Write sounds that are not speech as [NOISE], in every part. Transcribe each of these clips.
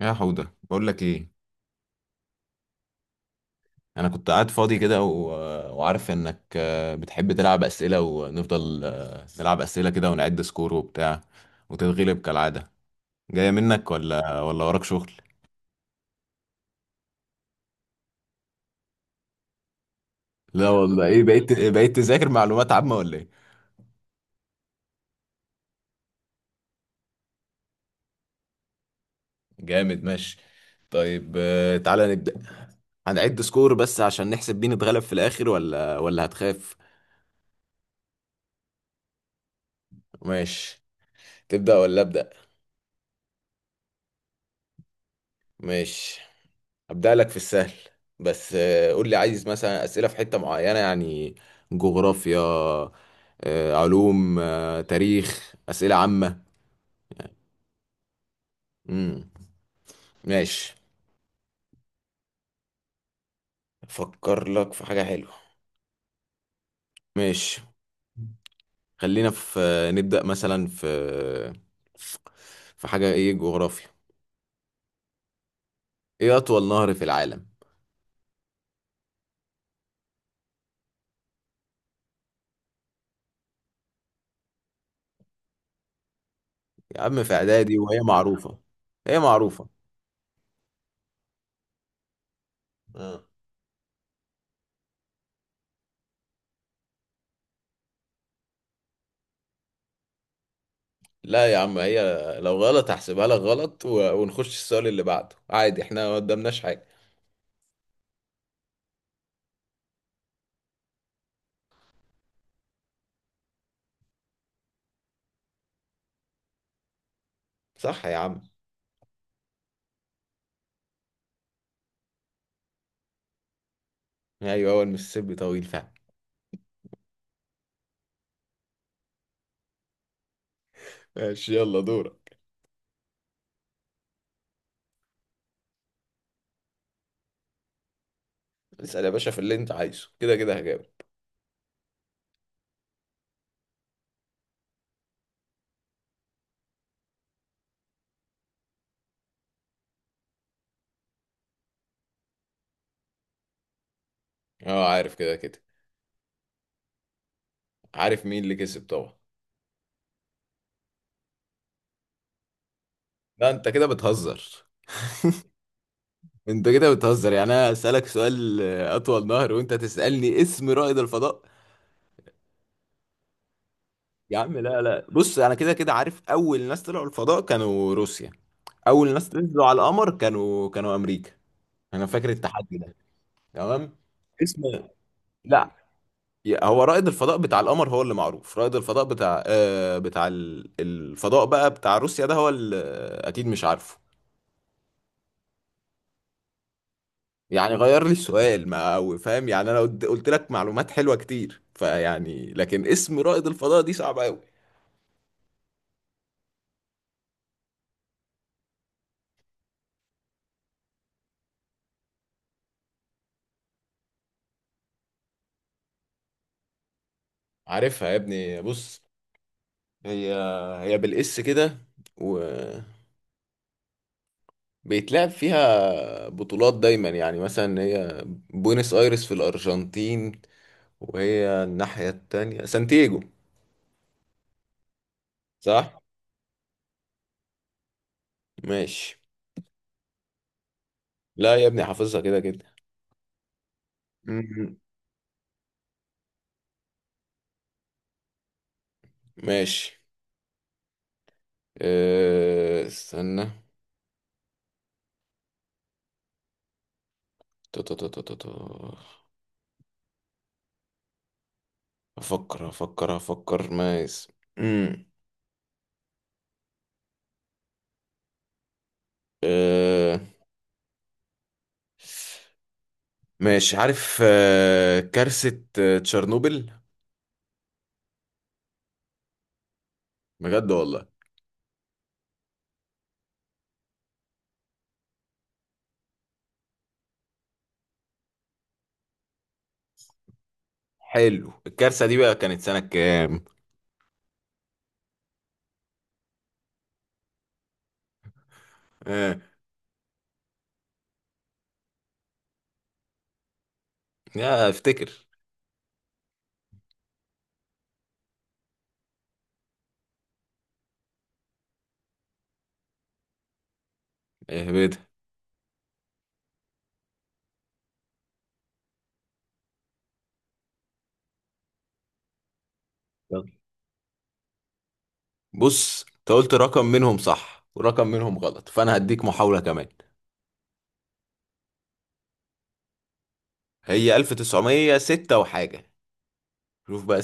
يا حودة بقول لك ايه. انا كنت قاعد فاضي كده وعارف انك بتحب تلعب اسئله ونفضل نلعب اسئله كده ونعد سكور وبتاع وتتغلب كالعاده. جايه منك ولا وراك شغل؟ لا والله، ايه بقيت [LAUGHS] بقيت تذاكر معلومات عامه ولا ايه؟ جامد، ماشي. طيب تعالى نبدا. هنعد سكور بس عشان نحسب مين اتغلب في الاخر، ولا هتخاف؟ ماشي. تبدا ولا ابدا؟ ماشي، هبدأ لك في السهل. بس قول لي عايز مثلا أسئلة في حتة معينة، يعني جغرافيا، علوم، تاريخ، أسئلة عامة. امم ماشي، أفكر لك في حاجة حلوة. ماشي، خلينا في نبدأ مثلا في في حاجة، إيه، جغرافيا. إيه أطول نهر في العالم؟ يا عم في إعدادي وهي معروفة. هي معروفة. آه. لا يا عم، هي لو غلط هحسبها لك غلط ونخش السؤال اللي بعده عادي، احنا ما قدامناش حاجة. صح يا عم. ايوه هو المسيسيبي طويل فعلا. ماشي، يلا دورك. اسأل يا باشا في اللي انت عايزه، كده كده هجاوب. اه عارف، كده كده عارف مين اللي كسب طبعا. لا انت كده بتهزر. انت كده بتهزر، يعني انا اسألك سؤال اطول نهر وانت تسألني اسم رائد الفضاء؟ يا عم لا بص، انا كده كده عارف اول ناس طلعوا الفضاء كانوا روسيا، اول ناس نزلوا على القمر كانوا امريكا. انا فاكر التحدي ده. تمام. اسم؟ لا. هو رائد الفضاء بتاع القمر هو اللي معروف، رائد الفضاء بتاع آه بتاع الفضاء بقى بتاع روسيا ده هو اللي اكيد مش عارفه. يعني غير لي السؤال، ما أو فاهم يعني، انا قلت لك معلومات حلوة كتير فيعني، لكن اسم رائد الفضاء دي صعبة قوي. عارفها يا ابني، بص. هي بالاس كده، وبيتلعب فيها بطولات دايما، يعني مثلا هي بوينس ايرس في الارجنتين، وهي الناحية التانية سانتياجو. صح. ماشي، لا يا ابني حافظها كده كده. مم. ماشي. استنى. تو- تو- تو- تو- تو- تو. افكر افكر افكر مايس. امم أه... ماشي. عارف كارثة تشيرنوبل؟ بجد والله. حلو، الكارثة دي بقى كانت سنة كام؟ أه... يا افتكر. اهبدها. يلا. بص انت قلت رقم منهم صح ورقم منهم غلط، فانا هديك محاولة كمان. هي 1906 وحاجة؟ شوف بقى.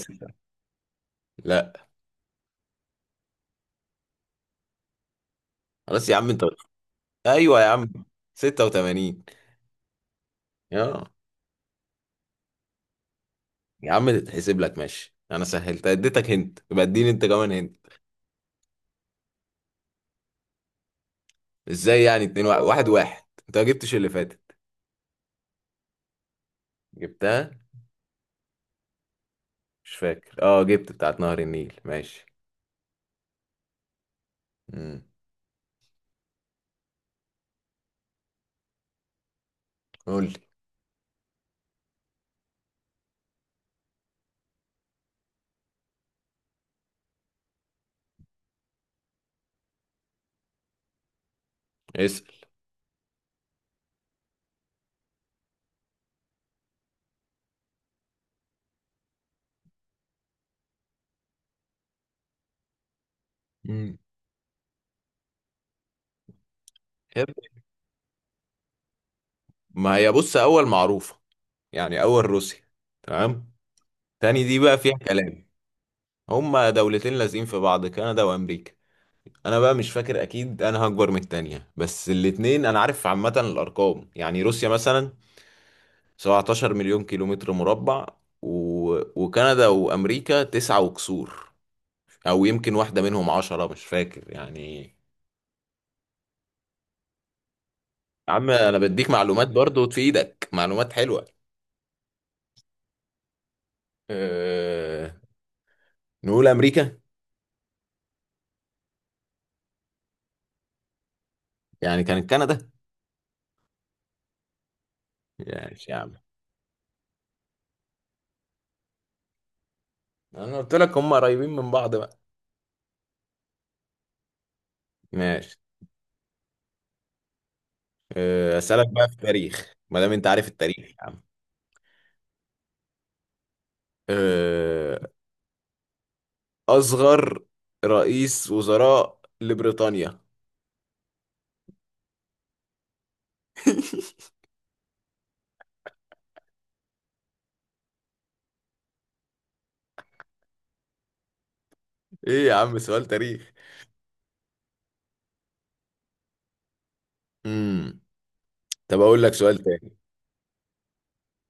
لا. خلاص يا عم انت. ايوه يا عم. 86. يا، يا عم تتحسب لك ماشي، انا سهلت اديتك هنت، يبقى اديني انت كمان هنت. ازاي يعني اتنين واحد؟ انت ما جبتش اللي فاتت. جبتها. مش فاكر. اه، جبت بتاعت نهر النيل، ماشي. امم قول لي. اسال. امم ما هي بص، اول معروفه، يعني اول روسيا. تمام. تاني دي بقى فيها كلام. هما دولتين لازقين في بعض، كندا وامريكا. انا بقى مش فاكر اكيد انا هكبر من التانية، بس الاتنين انا عارف عامة الارقام، يعني روسيا مثلا 17 مليون كيلومتر مربع، و... وكندا وامريكا 9 وكسور، او يمكن واحدة منهم 10، مش فاكر يعني. يا عم انا بديك معلومات برضو، في ايدك معلومات حلوة. أه... نقول امريكا. يعني كانت كندا. ماشي يا عم، انا قلت لك هم قريبين من بعض بقى. ماشي. اسألك بقى في التاريخ ما دام انت عارف التاريخ يا عم. آه، أصغر رئيس وزراء لبريطانيا. إيه يا عم، سؤال تاريخ. امم طب أقول لك سؤال تاني.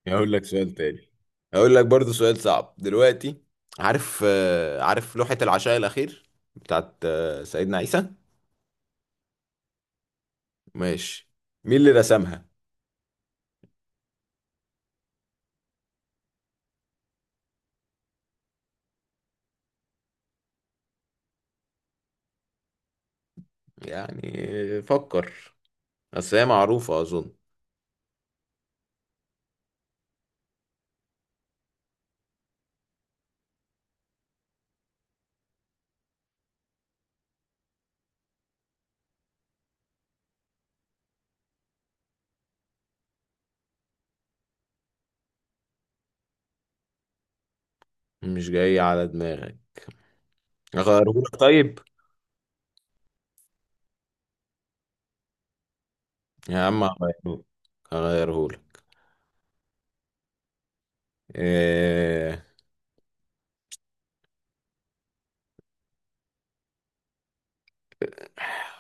أقول لك سؤال تاني. أقول لك برضو سؤال صعب دلوقتي. عارف عارف لوحة العشاء الأخير بتاعت سيدنا عيسى؟ ماشي. مين اللي رسمها؟ يعني فكر، أصل هي معروفة أظن. مش جاي على دماغك؟ أغيرهولك طيب. يا عم هغيرهولك. هغيرهولك. إيه...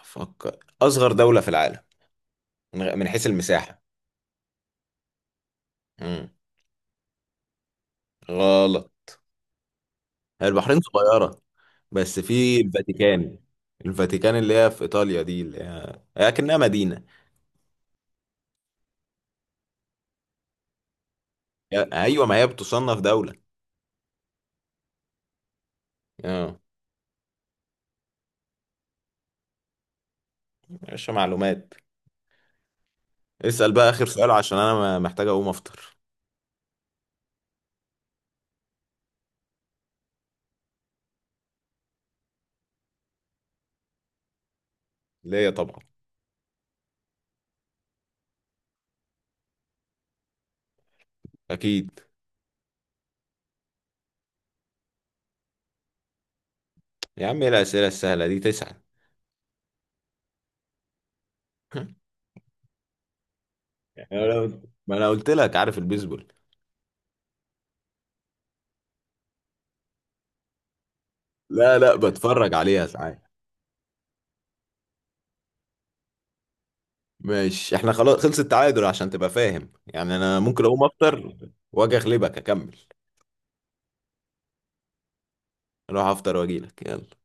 فكر، أصغر دولة في العالم من حيث المساحة. مم. غلط. هي البحرين صغيرة بس، في الفاتيكان. الفاتيكان اللي هي في إيطاليا دي، اللي هي كأنها مدينة. أيوة، ما هي بتصنف دولة. اه. مش معلومات. اسأل بقى آخر سؤال عشان أنا محتاج أقوم أفطر. ليا طبعا. أكيد. يا عم إيه الأسئلة السهلة دي، تسعة. [LAUGHS] أنا، ما أنا قلت لك عارف البيسبول. لا بتفرج عليها ساعات. ماشي احنا خلاص، خلص التعادل عشان تبقى فاهم، يعني انا ممكن اقوم افطر واجي اغلبك اكمل. اروح افطر واجيلك، يلا.